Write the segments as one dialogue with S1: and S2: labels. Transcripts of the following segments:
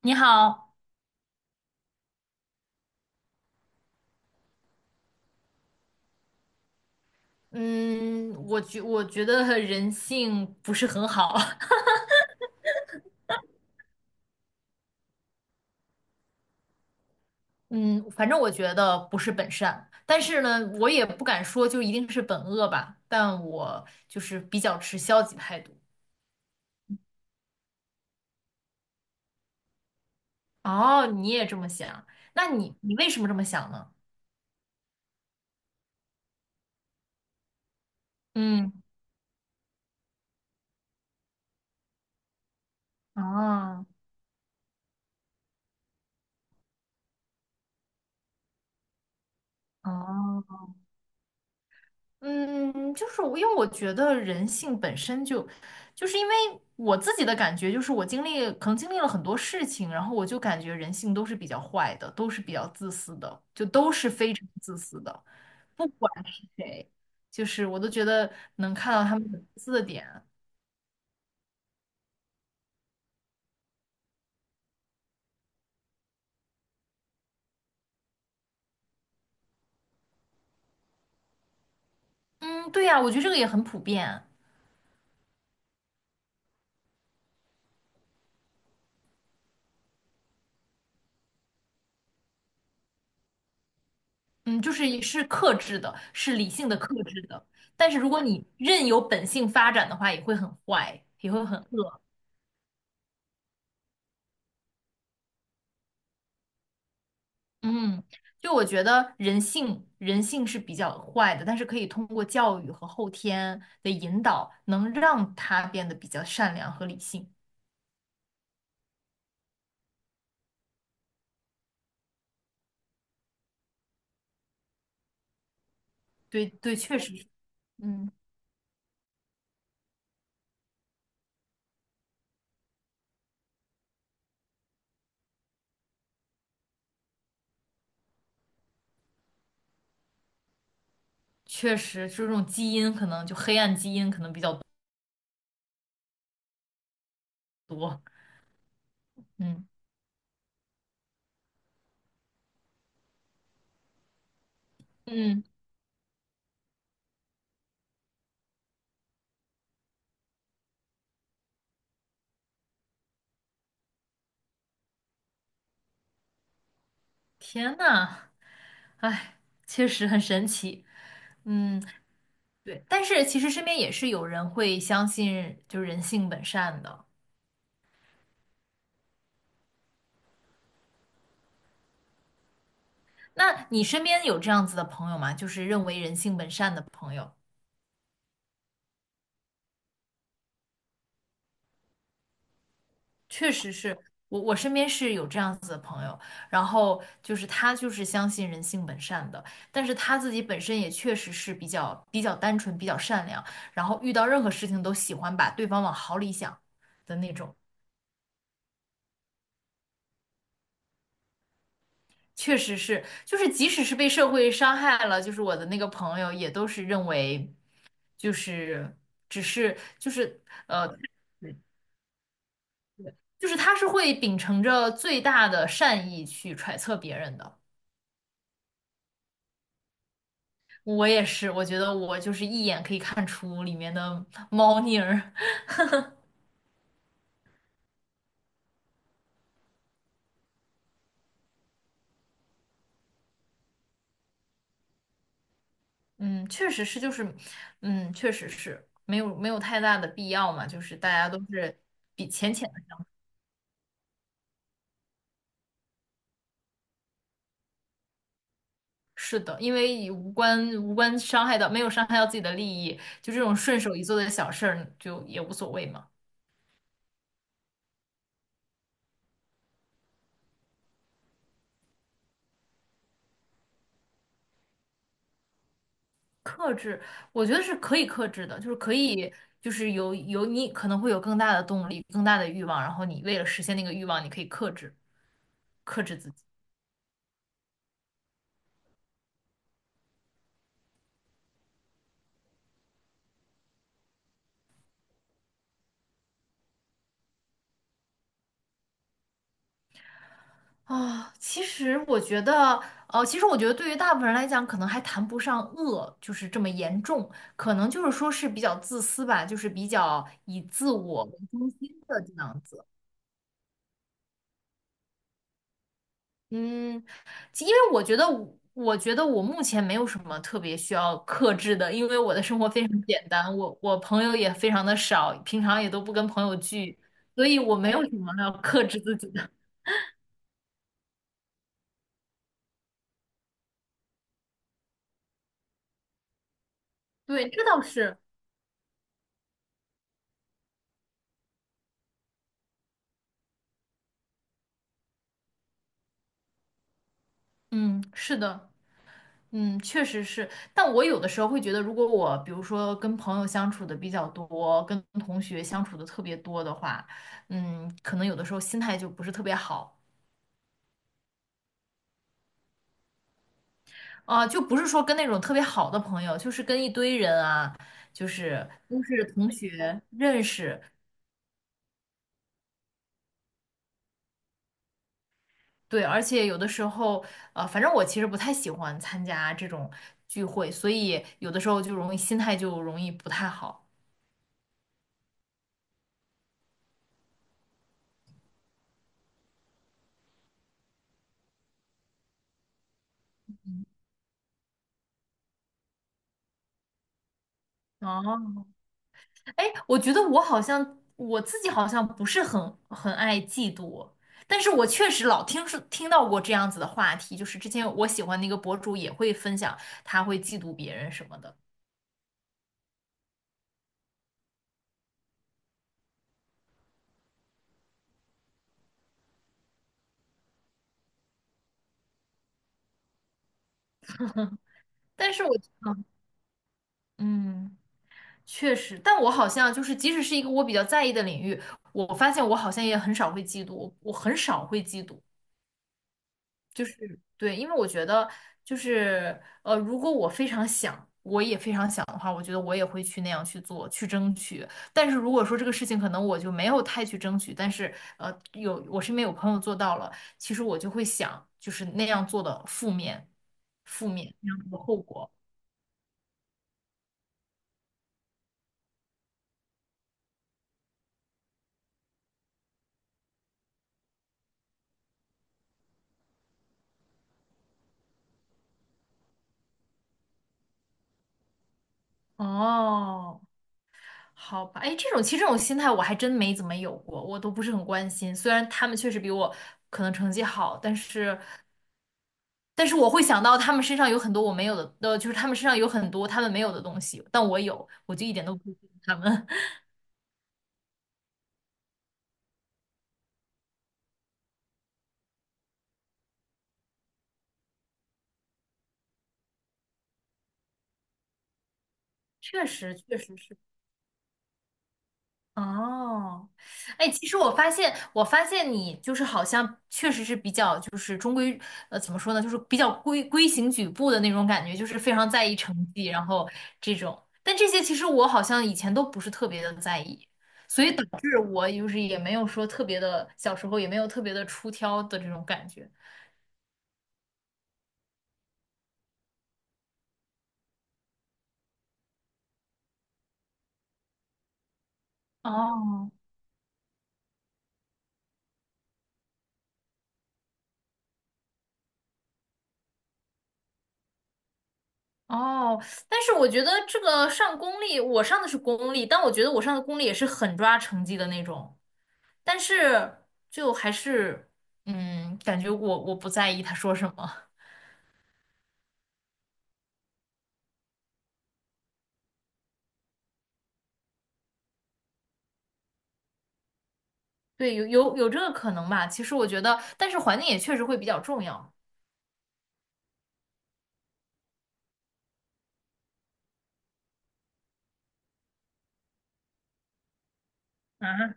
S1: 你好，我觉得人性不是很好，嗯，反正我觉得不是本善，但是呢，我也不敢说就一定是本恶吧，但我就是比较持消极态度。哦，你也这么想，那你为什么这么想呢？嗯，哦哦，嗯，就是我，因为我觉得人性本身就，就是因为我自己的感觉，就是我经历可能经历了很多事情，然后我就感觉人性都是比较坏的，都是比较自私的，就都是非常自私的，不管是谁，就是我都觉得能看到他们的自私的点。嗯，对呀，我觉得这个也很普遍。嗯，就是也是克制的，是理性的克制的，但是如果你任由本性发展的话，也会很坏，也会很恶。嗯，就我觉得人性，人性是比较坏的，但是可以通过教育和后天的引导，能让他变得比较善良和理性。对对，确实是。嗯，确实就这种基因可能就黑暗基因可能比较多。嗯嗯，天呐，确实很神奇。嗯，对，但是其实身边也是有人会相信，就是人性本善的。那你身边有这样子的朋友吗？就是认为人性本善的朋友。确实是，我，我身边是有这样子的朋友，然后就是他就是相信人性本善的，但是他自己本身也确实是比较单纯、比较善良，然后遇到任何事情都喜欢把对方往好里想的那种，确实是，就是即使是被社会伤害了，就是我的那个朋友也都是认为就是只是呃，对，就是他是会秉承着最大的善意去揣测别人的。我也是，我觉得我就是一眼可以看出里面的猫腻儿。嗯，确实是，就是，确实是没有太大的必要嘛，就是大家都是比浅浅的。是的，因为无关伤害到，没有伤害到自己的利益，就这种顺手一做的小事儿，就也无所谓嘛。克制，我觉得是可以克制的，就是可以，就是你可能会有更大的动力，更大的欲望，然后你为了实现那个欲望，你可以克制自己。啊，其实我觉得，其实我觉得对于大部分人来讲，可能还谈不上恶，就是这么严重，可能就是说是比较自私吧，就是比较以自我为中心的这样子。嗯，因为我觉得我目前没有什么特别需要克制的，因为我的生活非常简单，我朋友也非常的少，平常也都不跟朋友聚，所以我没有什么要克制自己的。对，这倒是，嗯，是的。嗯，确实是，但我有的时候会觉得，如果我比如说跟朋友相处的比较多，跟同学相处的特别多的话，可能有的时候心态就不是特别好。啊，就不是说跟那种特别好的朋友，就是跟一堆人啊，就是都是同学认识，对，而且有的时候，反正我其实不太喜欢参加这种聚会，所以有的时候就容易心态就容易不太好。哦，哎，我觉得我好像我自己好像不是很爱嫉妒，但是我确实老听说听到过这样子的话题，就是之前我喜欢的一个博主也会分享他会嫉妒别人什么的，但是我嗯，确实，但我好像就是即使是一个我比较在意的领域，我发现我好像也很少会嫉妒，我很少会嫉妒，就是对，因为我觉得如果我非常想，我也非常想的话，我觉得我也会去那样去做，去争取。但是如果说这个事情可能我就没有太去争取，但是有我身边有朋友做到了，其实我就会想，就是那样做的负面，那样做的后果。哦，好吧，哎，这种其实这种心态我还真没怎么有过，我都不是很关心。虽然他们确实比我可能成绩好，但是。但是我会想到他们身上有很多我没有的，就是他们身上有很多他们没有的东西，但我有，我就一点都不羡慕他们。确实，确实是。哦，哎，其实我发现，我发现你就是好像确实是比较就是中规，怎么说呢，就是比较规规行矩步的那种感觉，就是非常在意成绩，然后这种。但这些其实我好像以前都不是特别的在意，所以导致我就是也没有说特别的，小时候也没有特别的出挑的这种感觉。哦，哦，但是我觉得这个上公立，我上的是公立，但我觉得我上的公立也是很抓成绩的那种，但是就还是，感觉我不在意他说什么，对，有这个可能吧。其实我觉得，但是环境也确实会比较重要。啊，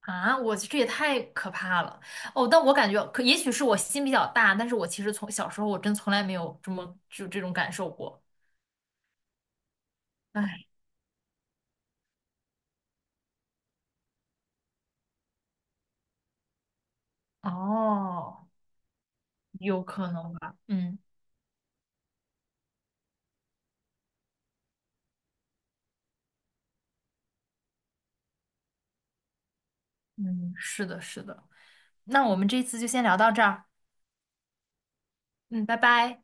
S1: 啊。我这也太可怕了。哦，但我感觉可也许是我心比较大，但是我其实从小时候我真从来没有这么就这种感受过。哎，哦，有可能吧，嗯。嗯，是的，是的。那我们这次就先聊到这儿。嗯，拜拜。